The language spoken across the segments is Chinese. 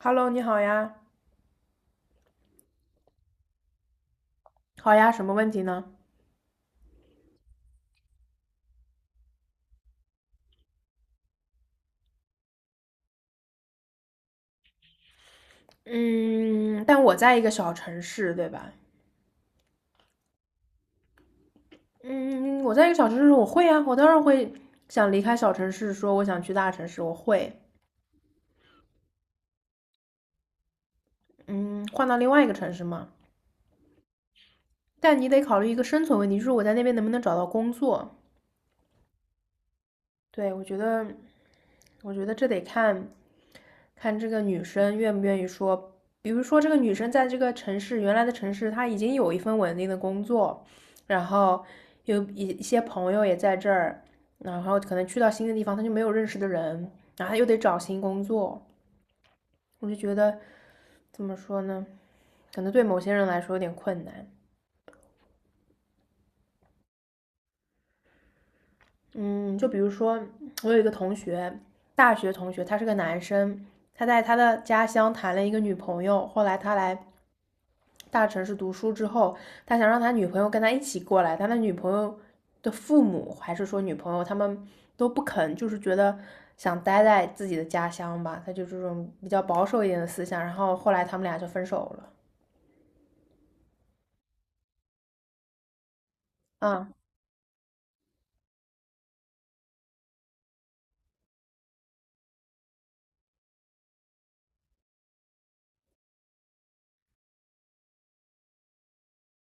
Hello，你好呀，好呀，什么问题呢？嗯，但我在一个小城市，对吧？嗯，我在一个小城市，我会啊，我当然会想离开小城市，说我想去大城市，我会，嗯，换到另外一个城市嘛。但你得考虑一个生存问题，就是我在那边能不能找到工作。对，我觉得这得看这个女生愿不愿意说。比如说，这个女生在这个城市原来的城市，她已经有一份稳定的工作，然后有一些朋友也在这儿，然后可能去到新的地方，她就没有认识的人，然后她又得找新工作。我就觉得怎么说呢？可能对某些人来说有点困难。嗯，就比如说，我有一个同学，大学同学，他是个男生，他在他的家乡谈了一个女朋友，后来他来大城市读书之后，他想让他女朋友跟他一起过来，他女朋友的父母还是说女朋友他们都不肯，就是觉得想待在自己的家乡吧，他就这种比较保守一点的思想。然后后来他们俩就分手了。啊，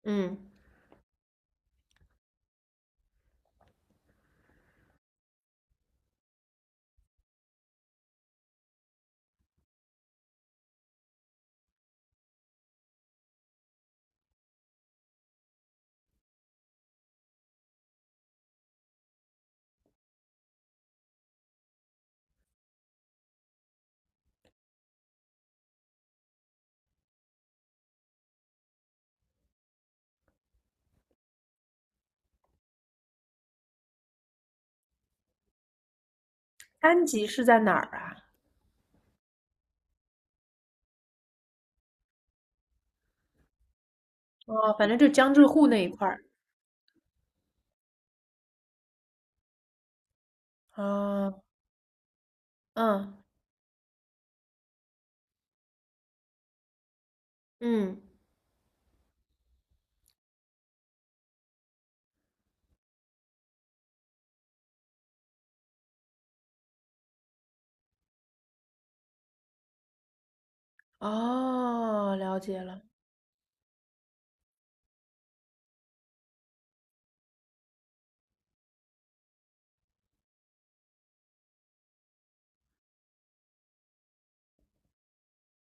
嗯，安吉是在哪儿啊？哦，反正就江浙沪那一块儿。啊，嗯嗯，哦，了解了。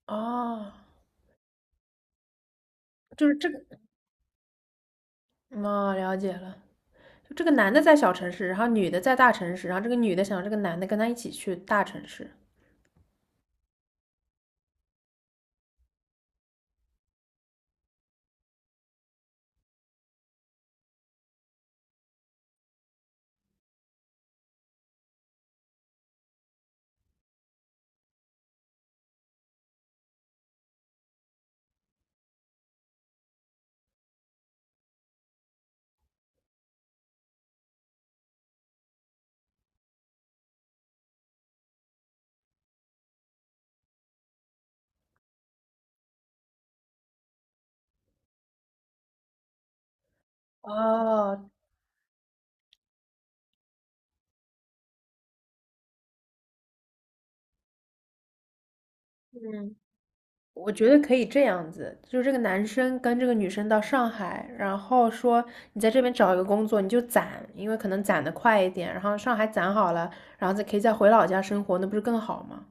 哦，就是这个，哦，了解了。就这个男的在小城市，然后女的在大城市，然后这个女的想让这个男的跟她一起去大城市。哦，嗯，我觉得可以这样子，就是这个男生跟这个女生到上海，然后说你在这边找一个工作，你就攒，因为可能攒的快一点，然后上海攒好了，然后再可以再回老家生活，那不是更好吗？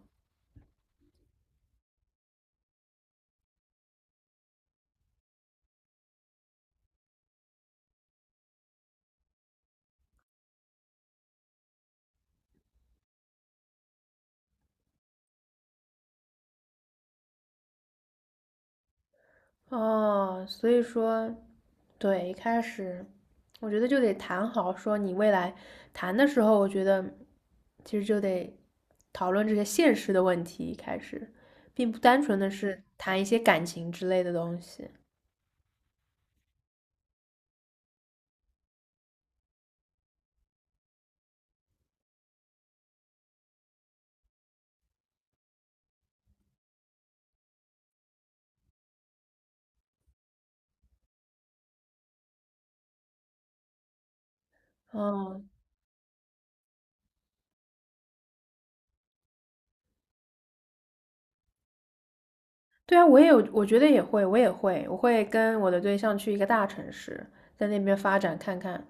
哦，所以说对，一开始我觉得就得谈好，说你未来谈的时候，我觉得其实就得讨论这些现实的问题，一开始，并不单纯的是谈一些感情之类的东西。嗯，对啊，我也有，我觉得也会，我也会，我会跟我的对象去一个大城市，在那边发展看看，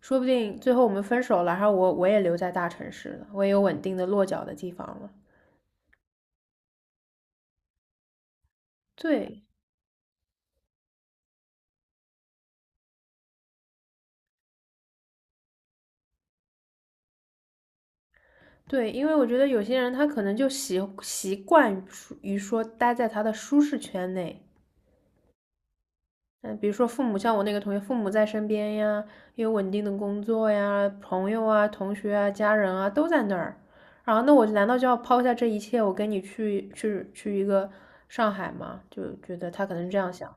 说不定最后我们分手了，然后我也留在大城市了，我也有稳定的落脚的地方了。对，对，因为我觉得有些人他可能就习惯于说待在他的舒适圈内，嗯，比如说父母，像我那个同学，父母在身边呀，有稳定的工作呀，朋友啊、同学啊、家人啊都在那儿，然后那我难道就要抛下这一切，我跟你去一个上海吗？就觉得他可能是这样想。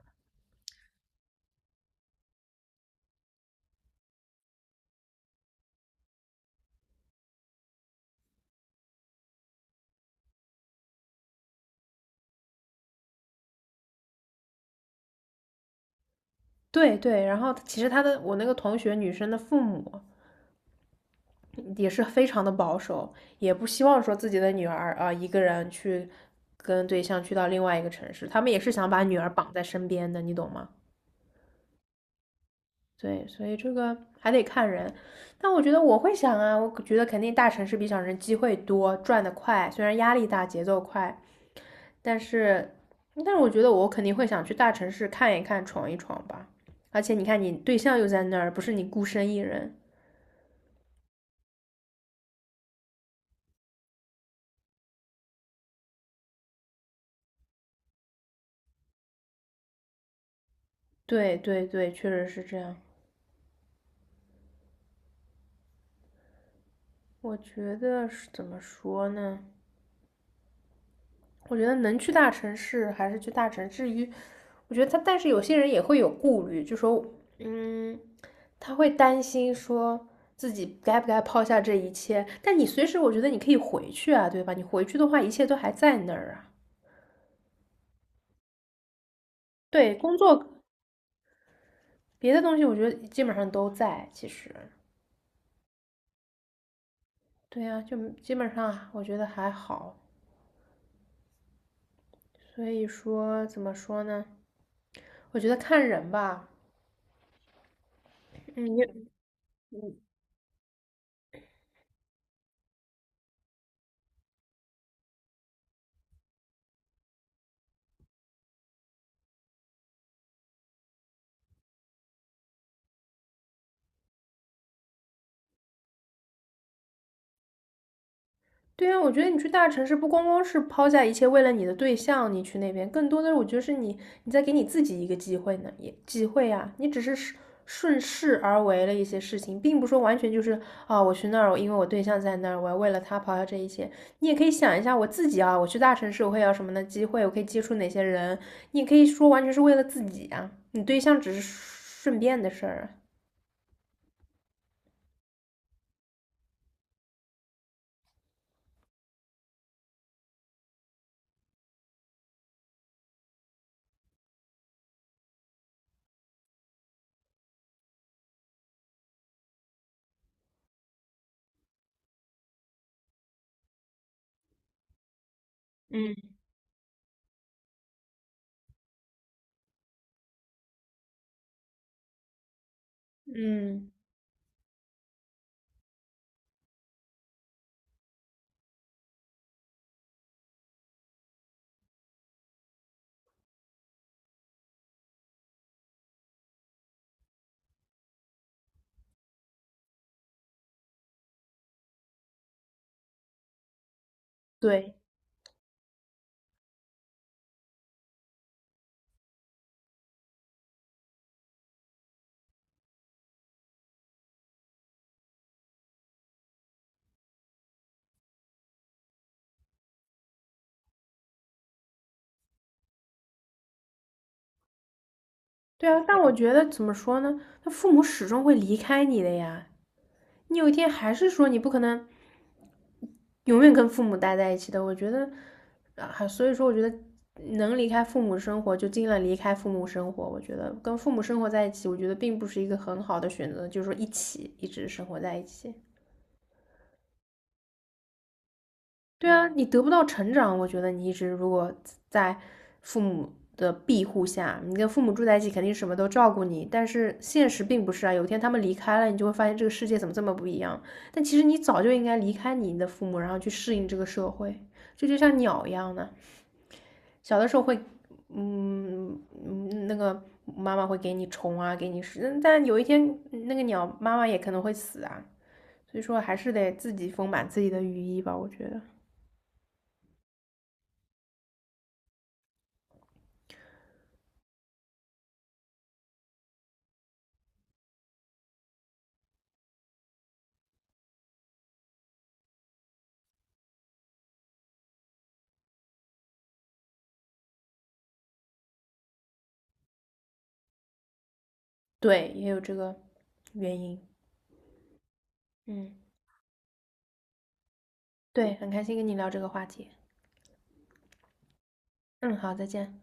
对对，然后其实他的我那个同学女生的父母，也是非常的保守，也不希望说自己的女儿啊、一个人去跟对象去到另外一个城市，他们也是想把女儿绑在身边的，你懂吗？对，所以这个还得看人，但我觉得我会想啊，我觉得肯定大城市比小城市机会多，赚得快，虽然压力大，节奏快，但是，但是我觉得我肯定会想去大城市看一看，闯一闯吧。而且你看，你对象又在那儿，不是你孤身一人。对对对，确实是这样。我觉得是怎么说呢？我觉得能去大城市还是去大城市。至于我觉得他，但是有些人也会有顾虑，就说，嗯，他会担心说自己该不该抛下这一切。但你随时，我觉得你可以回去啊，对吧？你回去的话，一切都还在那儿啊。对，工作别的东西，我觉得基本上都在。其实，对呀、就基本上我觉得还好。所以说，怎么说呢？我觉得看人吧，对啊，我觉得你去大城市不光光是抛下一切为了你的对象，你去那边，更多的我觉得是你你在给你自己一个机会呢，也机会啊，你只是顺势而为了一些事情，并不说完全就是啊，我去那儿，我因为我对象在那儿，我要为了他抛下这一切。你也可以想一下我自己啊，我去大城市我会有什么的机会，我可以接触哪些人，你也可以说完全是为了自己啊，你对象只是顺便的事儿啊。嗯，嗯，对。对啊，但我觉得怎么说呢？他父母始终会离开你的呀。你有一天还是说你不可能永远跟父母待在一起的。我觉得，啊，所以说我觉得能离开父母生活就尽量离开父母生活。我觉得跟父母生活在一起，我觉得并不是一个很好的选择，就是说一起一直生活在一起。对啊，你得不到成长，我觉得你一直如果在父母的庇护下，你跟父母住在一起，肯定什么都照顾你。但是现实并不是啊，有一天他们离开了，你就会发现这个世界怎么这么不一样。但其实你早就应该离开你的父母，然后去适应这个社会，这就像鸟一样的。小的时候会，那个妈妈会给你虫啊，给你食，但有一天那个鸟妈妈也可能会死啊。所以说，还是得自己丰满自己的羽翼吧，我觉得。对，也有这个原因。嗯，对，很开心跟你聊这个话题。嗯，好，再见。